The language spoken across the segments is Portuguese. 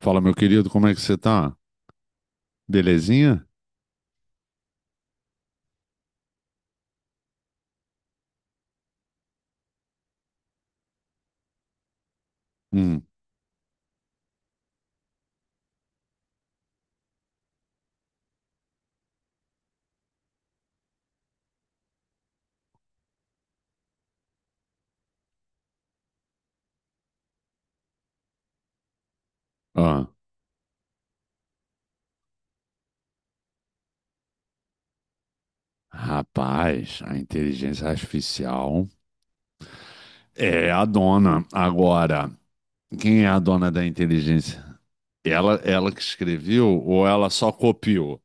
Fala, meu querido, como é que você tá? Belezinha? Hum. Ah, rapaz, a inteligência artificial é a dona. Agora, quem é a dona da inteligência? Ela que escreveu ou ela só copiou?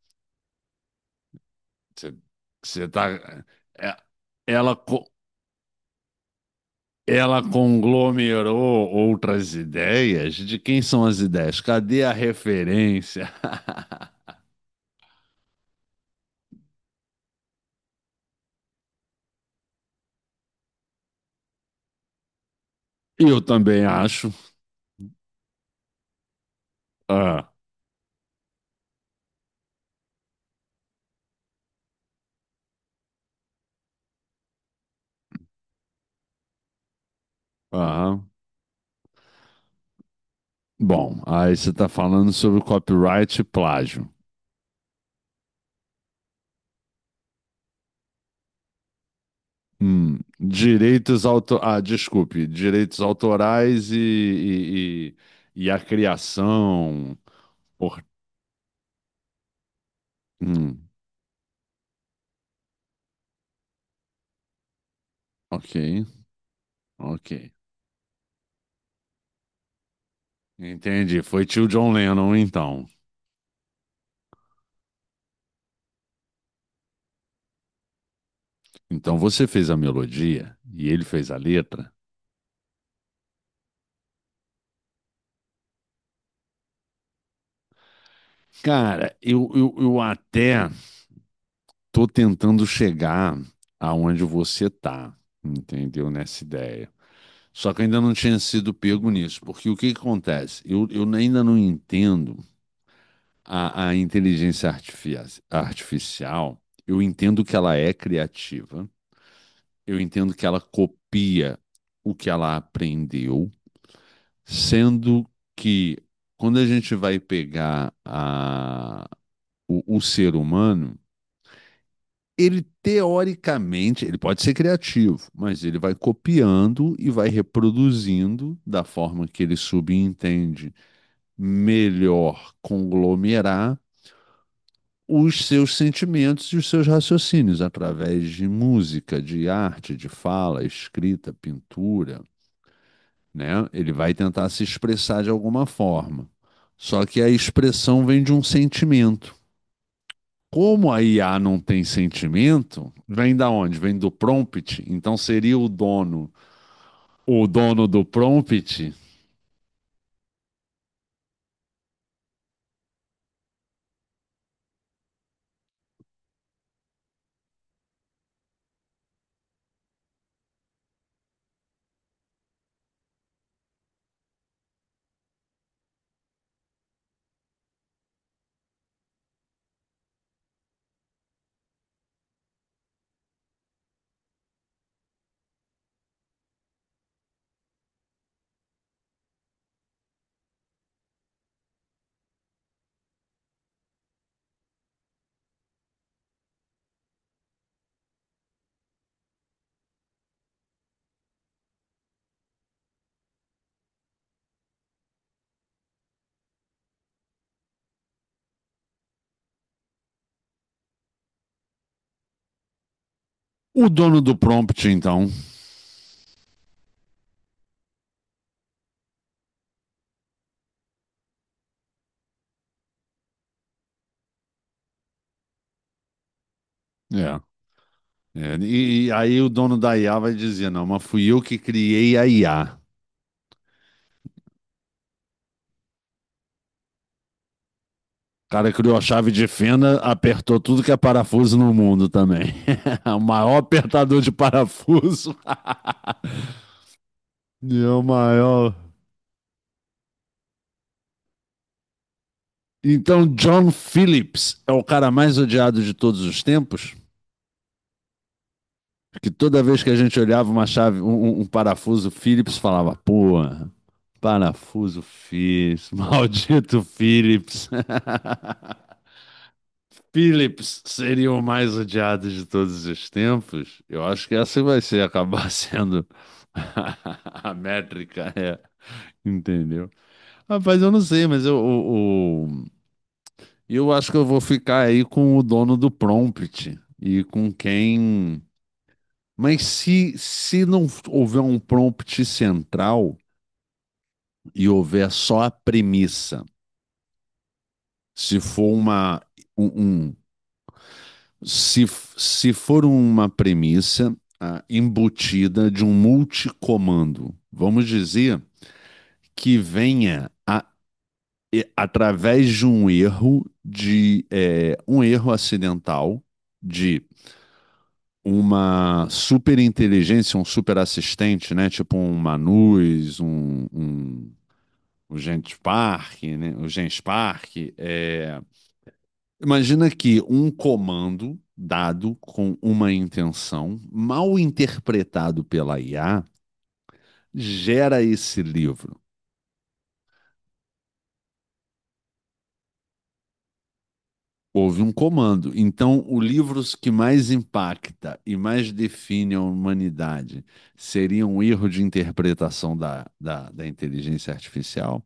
Você, você tá. é- Ela, ela conglomerou outras ideias? De quem são as ideias? Cadê a referência? Eu também acho. Ah, aham. Bom, aí você está falando sobre copyright e plágio. Direitos auto... Ah, desculpe, direitos autorais e a criação. Por... Hum, ok, ok. Entendi. Foi tio John Lennon, então. Então você fez a melodia e ele fez a letra. Cara, eu até tô tentando chegar aonde você tá, entendeu? Nessa ideia. Só que eu ainda não tinha sido pego nisso, porque o que que acontece? Eu ainda não entendo a inteligência artificial. Eu entendo que ela é criativa, eu entendo que ela copia o que ela aprendeu, sendo que quando a gente vai pegar o ser humano, ele teoricamente, ele pode ser criativo, mas ele vai copiando e vai reproduzindo da forma que ele subentende melhor conglomerar os seus sentimentos e os seus raciocínios através de música, de arte, de fala, escrita, pintura, né? Ele vai tentar se expressar de alguma forma. Só que a expressão vem de um sentimento. Como a IA não tem sentimento, vem da onde? Vem do prompt. Então seria o dono do prompt. O dono do prompt, então. É. É, e aí o dono da IA vai dizer, não, mas fui eu que criei a IA. O cara criou a chave de fenda, apertou tudo que é parafuso no mundo também. O maior apertador de parafuso. E é o maior. Então, John Phillips é o cara mais odiado de todos os tempos? Que toda vez que a gente olhava uma chave, um parafuso Phillips, falava, porra, parafuso Phillips, maldito Phillips. Phillips seria o mais odiado de todos os tempos? Eu acho que essa vai ser acabar sendo a métrica, é. Entendeu? Rapaz, eu não sei, mas eu, o- eu, acho que eu vou ficar aí com o dono do prompt e com quem. Mas se não houver um prompt central e houver só a premissa, se for uma, um Se, se for uma premissa embutida de um multicomando, vamos dizer que venha a- e- através de um erro de um erro acidental de uma superinteligência, um superassistente, né? Tipo um Manus, o Genspark, né? O Genspark, é, imagina que um comando dado com uma intenção, mal interpretado pela IA, gera esse livro. Houve um comando. Então, o livro que mais impacta e mais define a humanidade seria um erro de interpretação da inteligência artificial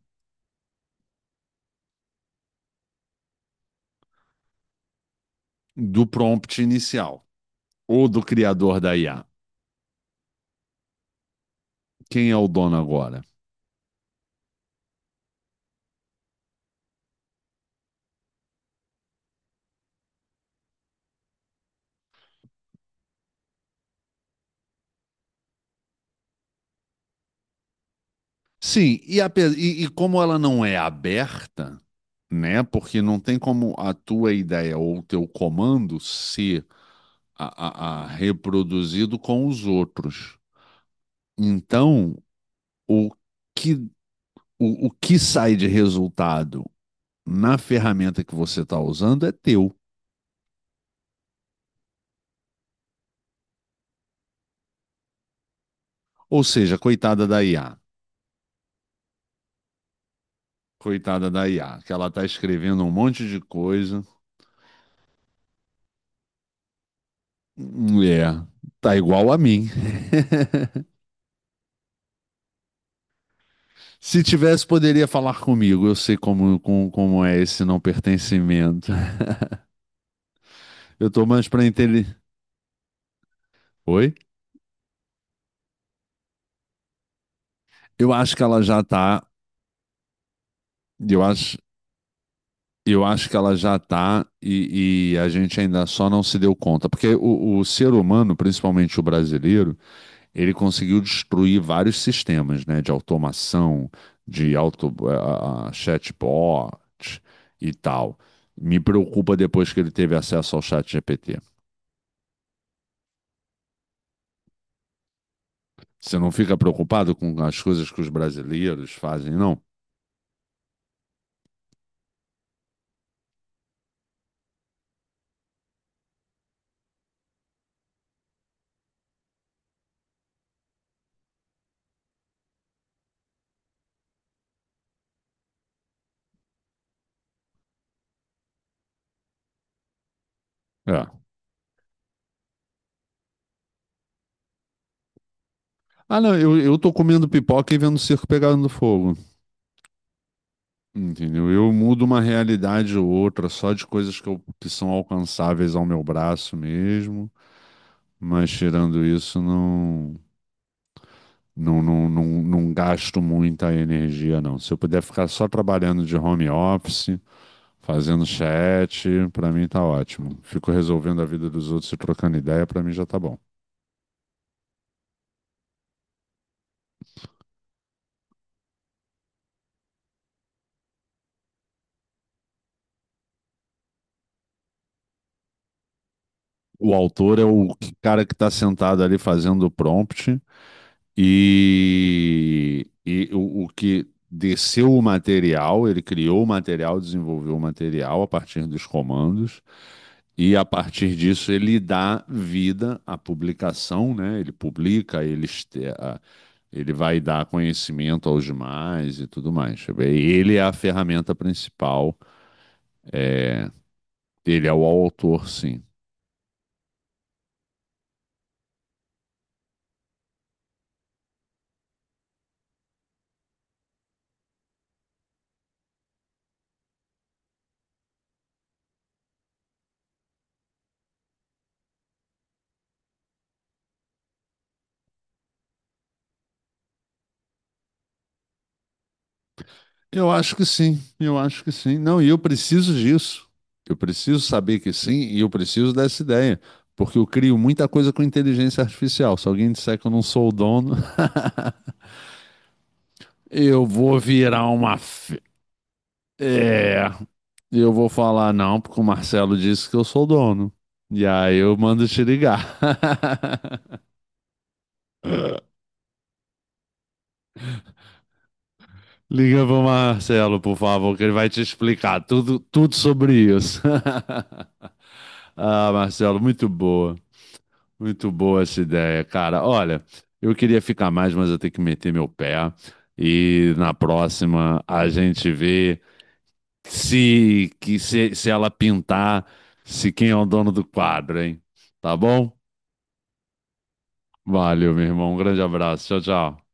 do prompt inicial ou do criador da IA. Quem é o dono agora? Sim, e como ela não é aberta, né? Porque não tem como a tua ideia ou o teu comando ser a reproduzido com os outros. Então, o que, o que sai de resultado na ferramenta que você está usando é teu. Ou seja, coitada da IA. Coitada da IA, que ela está escrevendo um monte de coisa. É, tá igual a mim. Se tivesse, poderia falar comigo. Eu sei como é esse não pertencimento. Eu tô mais pra entender. Oi? Eu acho que ela já tá. Eu acho, eu acho que ela já tá e a gente ainda só não se deu conta. Porque o ser humano, principalmente o brasileiro, ele conseguiu destruir vários sistemas, né? De automação, de chatbot e tal. Me preocupa depois que ele teve acesso ao chat GPT. Você não fica preocupado com as coisas que os brasileiros fazem, não? É. Ah, não, eu tô comendo pipoca e vendo o circo pegando fogo. Entendeu? Eu mudo uma realidade ou outra só de coisas que são alcançáveis ao meu braço mesmo. Mas tirando isso, não gasto muita energia, não. Se eu puder ficar só trabalhando de home office, fazendo chat, pra mim tá ótimo. Fico resolvendo a vida dos outros e trocando ideia, pra mim já tá bom. O autor é o cara que está sentado ali fazendo o prompt e o que desceu o material, ele criou o material, desenvolveu o material a partir dos comandos e a partir disso ele dá vida à publicação, né? Ele publica, ele vai dar conhecimento aos demais e tudo mais. Ele é a ferramenta principal, é, ele é o autor, sim. Eu acho que sim, eu acho que sim. Não, e eu preciso disso. Eu preciso saber que sim, e eu preciso dessa ideia, porque eu crio muita coisa com inteligência artificial. Se alguém disser que eu não sou o dono, eu vou virar uma. É, eu vou falar não, porque o Marcelo disse que eu sou o dono. E aí eu mando te ligar. Liga pro Marcelo, por favor, que ele vai te explicar tudo, tudo sobre isso. Ah, Marcelo, muito boa. Muito boa essa ideia, cara. Olha, eu queria ficar mais, mas eu tenho que meter meu pé. E na próxima a gente vê se, se ela pintar, se quem é o dono do quadro, hein? Tá bom? Valeu, meu irmão. Um grande abraço. Tchau, tchau.